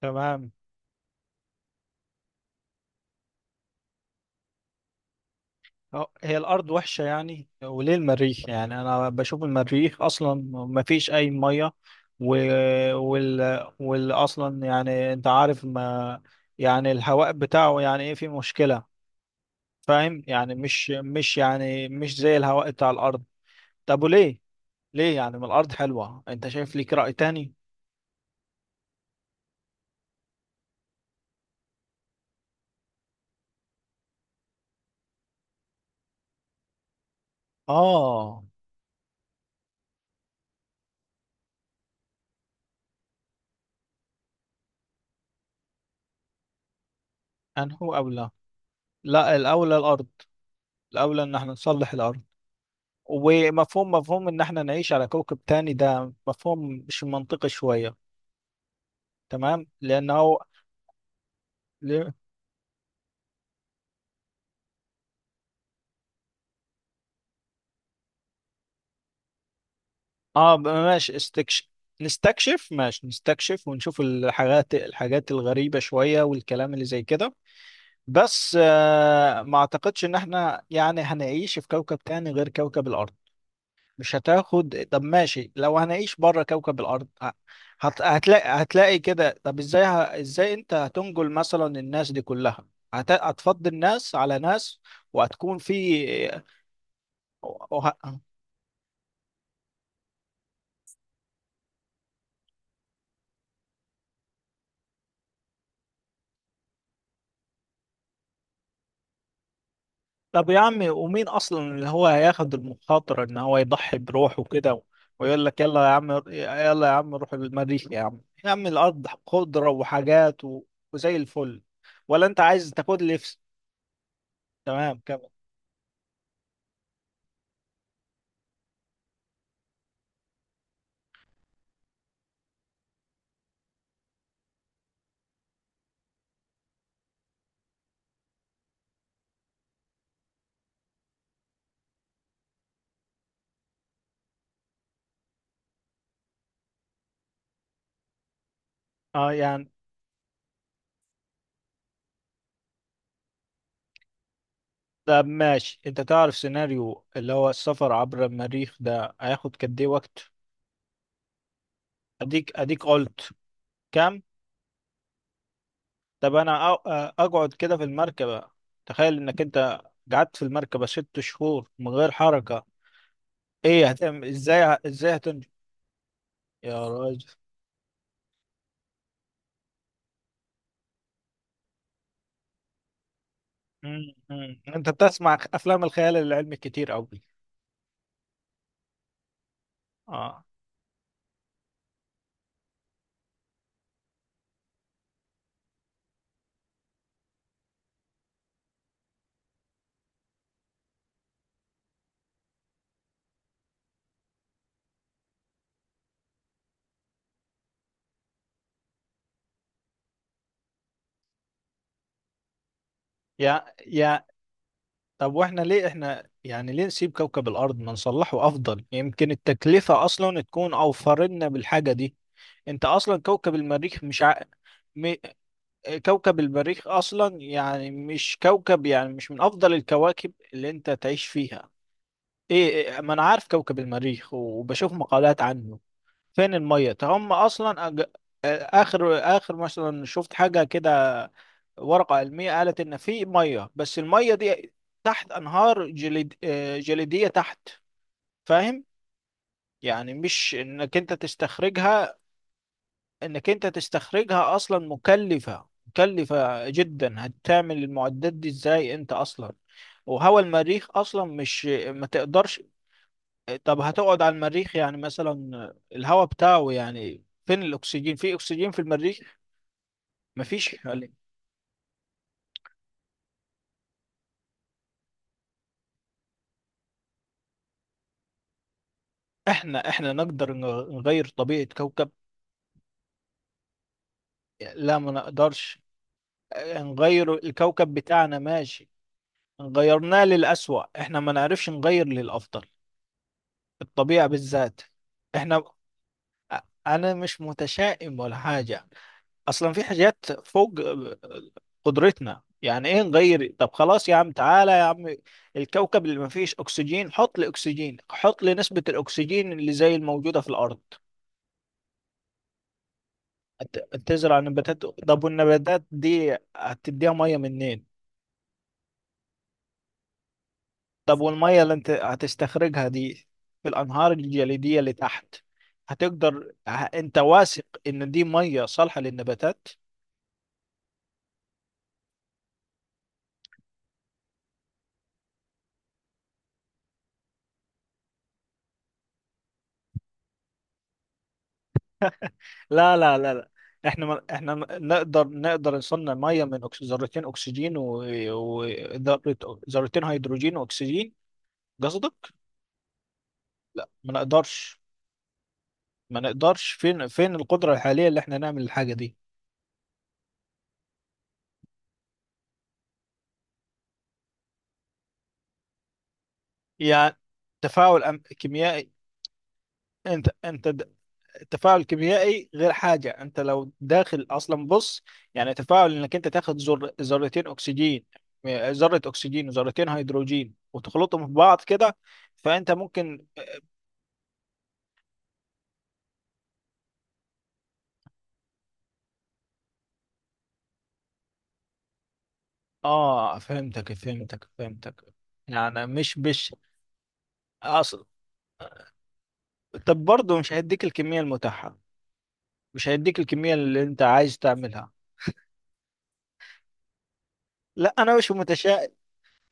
تمام. هي الأرض وحشة يعني وليه المريخ؟ يعني أنا بشوف المريخ أصلا ما فيش أي مية و... وال... وال أصلا يعني أنت عارف. ما يعني الهواء بتاعه يعني إيه؟ فيه مشكلة فاهم؟ يعني مش مش يعني مش زي الهواء بتاع الأرض. طب وليه؟ يعني ما الأرض حلوة. أنت شايف ليك رأي تاني؟ آه. أنهو أولى؟ لا، الأولى الأرض، الأولى إن احنا نصلح الأرض. ومفهوم مفهوم ان احنا نعيش على كوكب تاني، ده مفهوم مش منطقي شوية. تمام، لانه ل... اه، ماشي استكشف، نستكشف، ماشي نستكشف ونشوف الحاجات الغريبة شوية والكلام اللي زي كده. بس ما اعتقدش ان احنا يعني هنعيش في كوكب تاني غير كوكب الارض. مش هتاخد، طب ماشي لو هنعيش بره كوكب الارض هتلاقي كده. طب ازاي، ازاي انت هتنقل مثلا الناس دي كلها؟ هتفضي الناس على ناس وهتكون في وه... طب يا عمي، ومين اصلا اللي هو هياخد المخاطره ان هو يضحي بروحه كده ويقول لك يلا يا عم يلا يا عم روح المريخ، يا عم يا عم الارض خضره وحاجات وزي الفل؟ ولا انت عايز تاخد لي تمام، كمل. اه، يعني طب ماشي، انت تعرف سيناريو اللي هو السفر عبر المريخ ده هياخد قد ايه وقت؟ اديك، قلت كام؟ طب انا اقعد كده في المركبة. تخيل انك انت قعدت في المركبة ست شهور من غير حركة، ايه هتعمل؟ ازاي ازاي هتنجو يا راجل؟ انت بتسمع افلام الخيال العلمي كتير قوي. اه. يا يا طب واحنا ليه؟ احنا يعني ليه نسيب كوكب الارض ما نصلحه؟ افضل، يمكن التكلفة اصلا تكون اوفر لنا بالحاجة دي. انت اصلا كوكب المريخ مش ع... م... كوكب المريخ اصلا يعني مش كوكب، يعني مش من افضل الكواكب اللي انت تعيش فيها. ايه، ما انا عارف كوكب المريخ وبشوف مقالات عنه. فين المية؟ ده هم اصلا أج... آه، اخر مثلا شفت حاجة كده، ورقة علمية قالت ان في مية، بس المية دي تحت انهار جليدية تحت، فاهم؟ يعني مش انك انت تستخرجها. انك انت تستخرجها اصلا مكلفة، مكلفة جدا. هتعمل المعدات دي ازاي انت اصلا؟ وهو المريخ اصلا مش، ما تقدرش. طب هتقعد على المريخ يعني مثلا الهواء بتاعه، يعني فين الاكسجين؟ في اكسجين في المريخ؟ مفيش يعني. احنا نقدر نغير طبيعة كوكب؟ لا ما نقدرش نغير الكوكب بتاعنا، ماشي غيرناه للأسوأ، احنا ما نعرفش نغير للأفضل، الطبيعة بالذات. احنا، انا مش متشائم ولا حاجه، اصلا في حاجات فوق قدرتنا. يعني ايه نغير؟ طب خلاص يا عم، تعالى يا عم الكوكب اللي ما فيش اكسجين، حط لي اكسجين، حط لي نسبه الاكسجين اللي زي الموجوده في الارض. تزرع نباتات؟ طب والنباتات دي هتديها ميه منين؟ طب والميه اللي انت هتستخرجها دي في الانهار الجليديه اللي تحت، هتقدر؟ انت واثق ان دي ميه صالحه للنباتات؟ لا لا لا لا، احنا ما احنا نقدر، نصنع ميه من ذرتين اكسجين وذرتين هيدروجين واكسجين، قصدك؟ لا ما نقدرش، ما نقدرش. فين القدره الحاليه اللي احنا نعمل الحاجه دي؟ يعني تفاعل كيميائي؟ انت التفاعل كيميائي غير حاجه. انت لو داخل اصلا، بص، يعني تفاعل انك انت تاخد ذرتين اكسجين، ذره اكسجين وذرتين هيدروجين وتخلطهم في بعض كده، فانت ممكن. اه فهمتك فهمتك فهمتك. يعني مش، مش اصل، طب برضه مش هيديك الكميه المتاحه، مش هيديك الكميه اللي انت عايز تعملها. لا انا مش متشائم،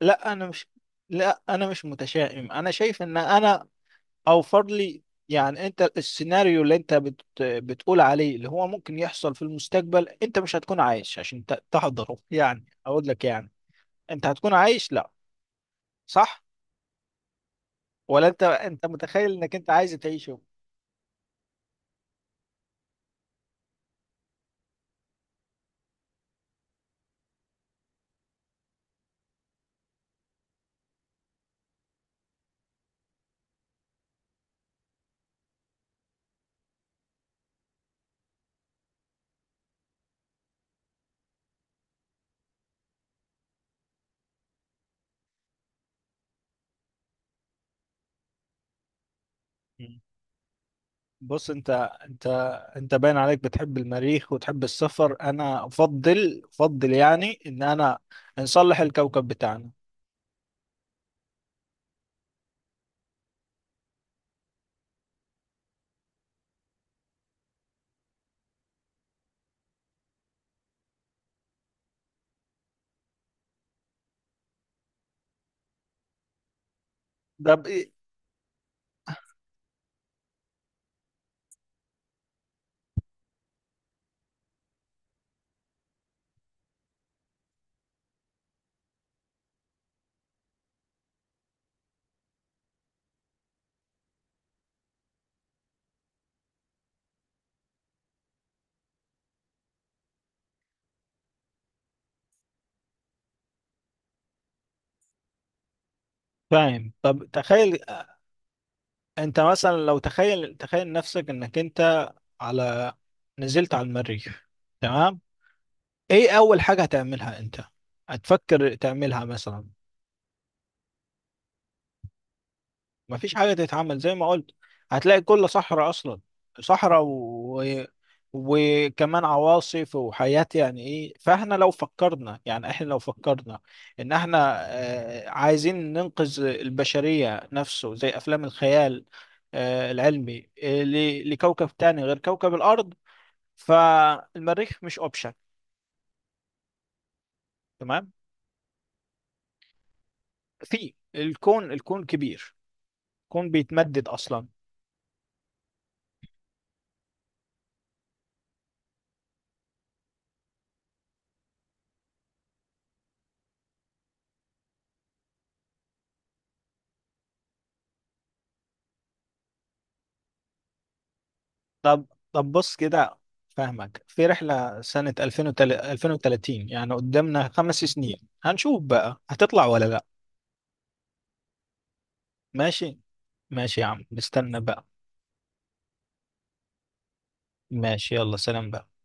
لا انا مش، لا انا مش متشائم، انا شايف ان انا اوفر لي. يعني انت السيناريو اللي انت بتقول عليه اللي هو ممكن يحصل في المستقبل، انت مش هتكون عايش عشان تحضره، يعني اقول لك يعني انت هتكون عايش لا؟ صح؟ ولا انت متخيل انك انت عايز تعيشه؟ بص انت، انت باين عليك بتحب المريخ وتحب السفر. انا افضل، يعني ان انا نصلح الكوكب بتاعنا. ده بإيه؟ فاهم؟ طب تخيل انت مثلا، لو تخيل تخيل نفسك انك انت على نزلت على المريخ، تمام، ايه اول حاجة هتعملها انت؟ هتفكر تعملها مثلا؟ مفيش حاجة تتعمل، زي ما قلت هتلاقي كل صحراء أصلا، صحراء وكمان عواصف وحياة، يعني إيه؟ فإحنا لو فكرنا، يعني إحنا لو فكرنا إن إحنا عايزين ننقذ البشرية نفسه زي أفلام الخيال العلمي، لكوكب تاني غير كوكب الأرض، فالمريخ مش أوبشن، تمام؟ في الكون كبير، الكون بيتمدد أصلا. طب، بص كده، فاهمك. في رحلة سنة 2030، يعني قدامنا خمس سنين، هنشوف بقى هتطلع ولا لا. ماشي، ماشي يا عم، نستنى بقى. ماشي، يلا سلام بقى.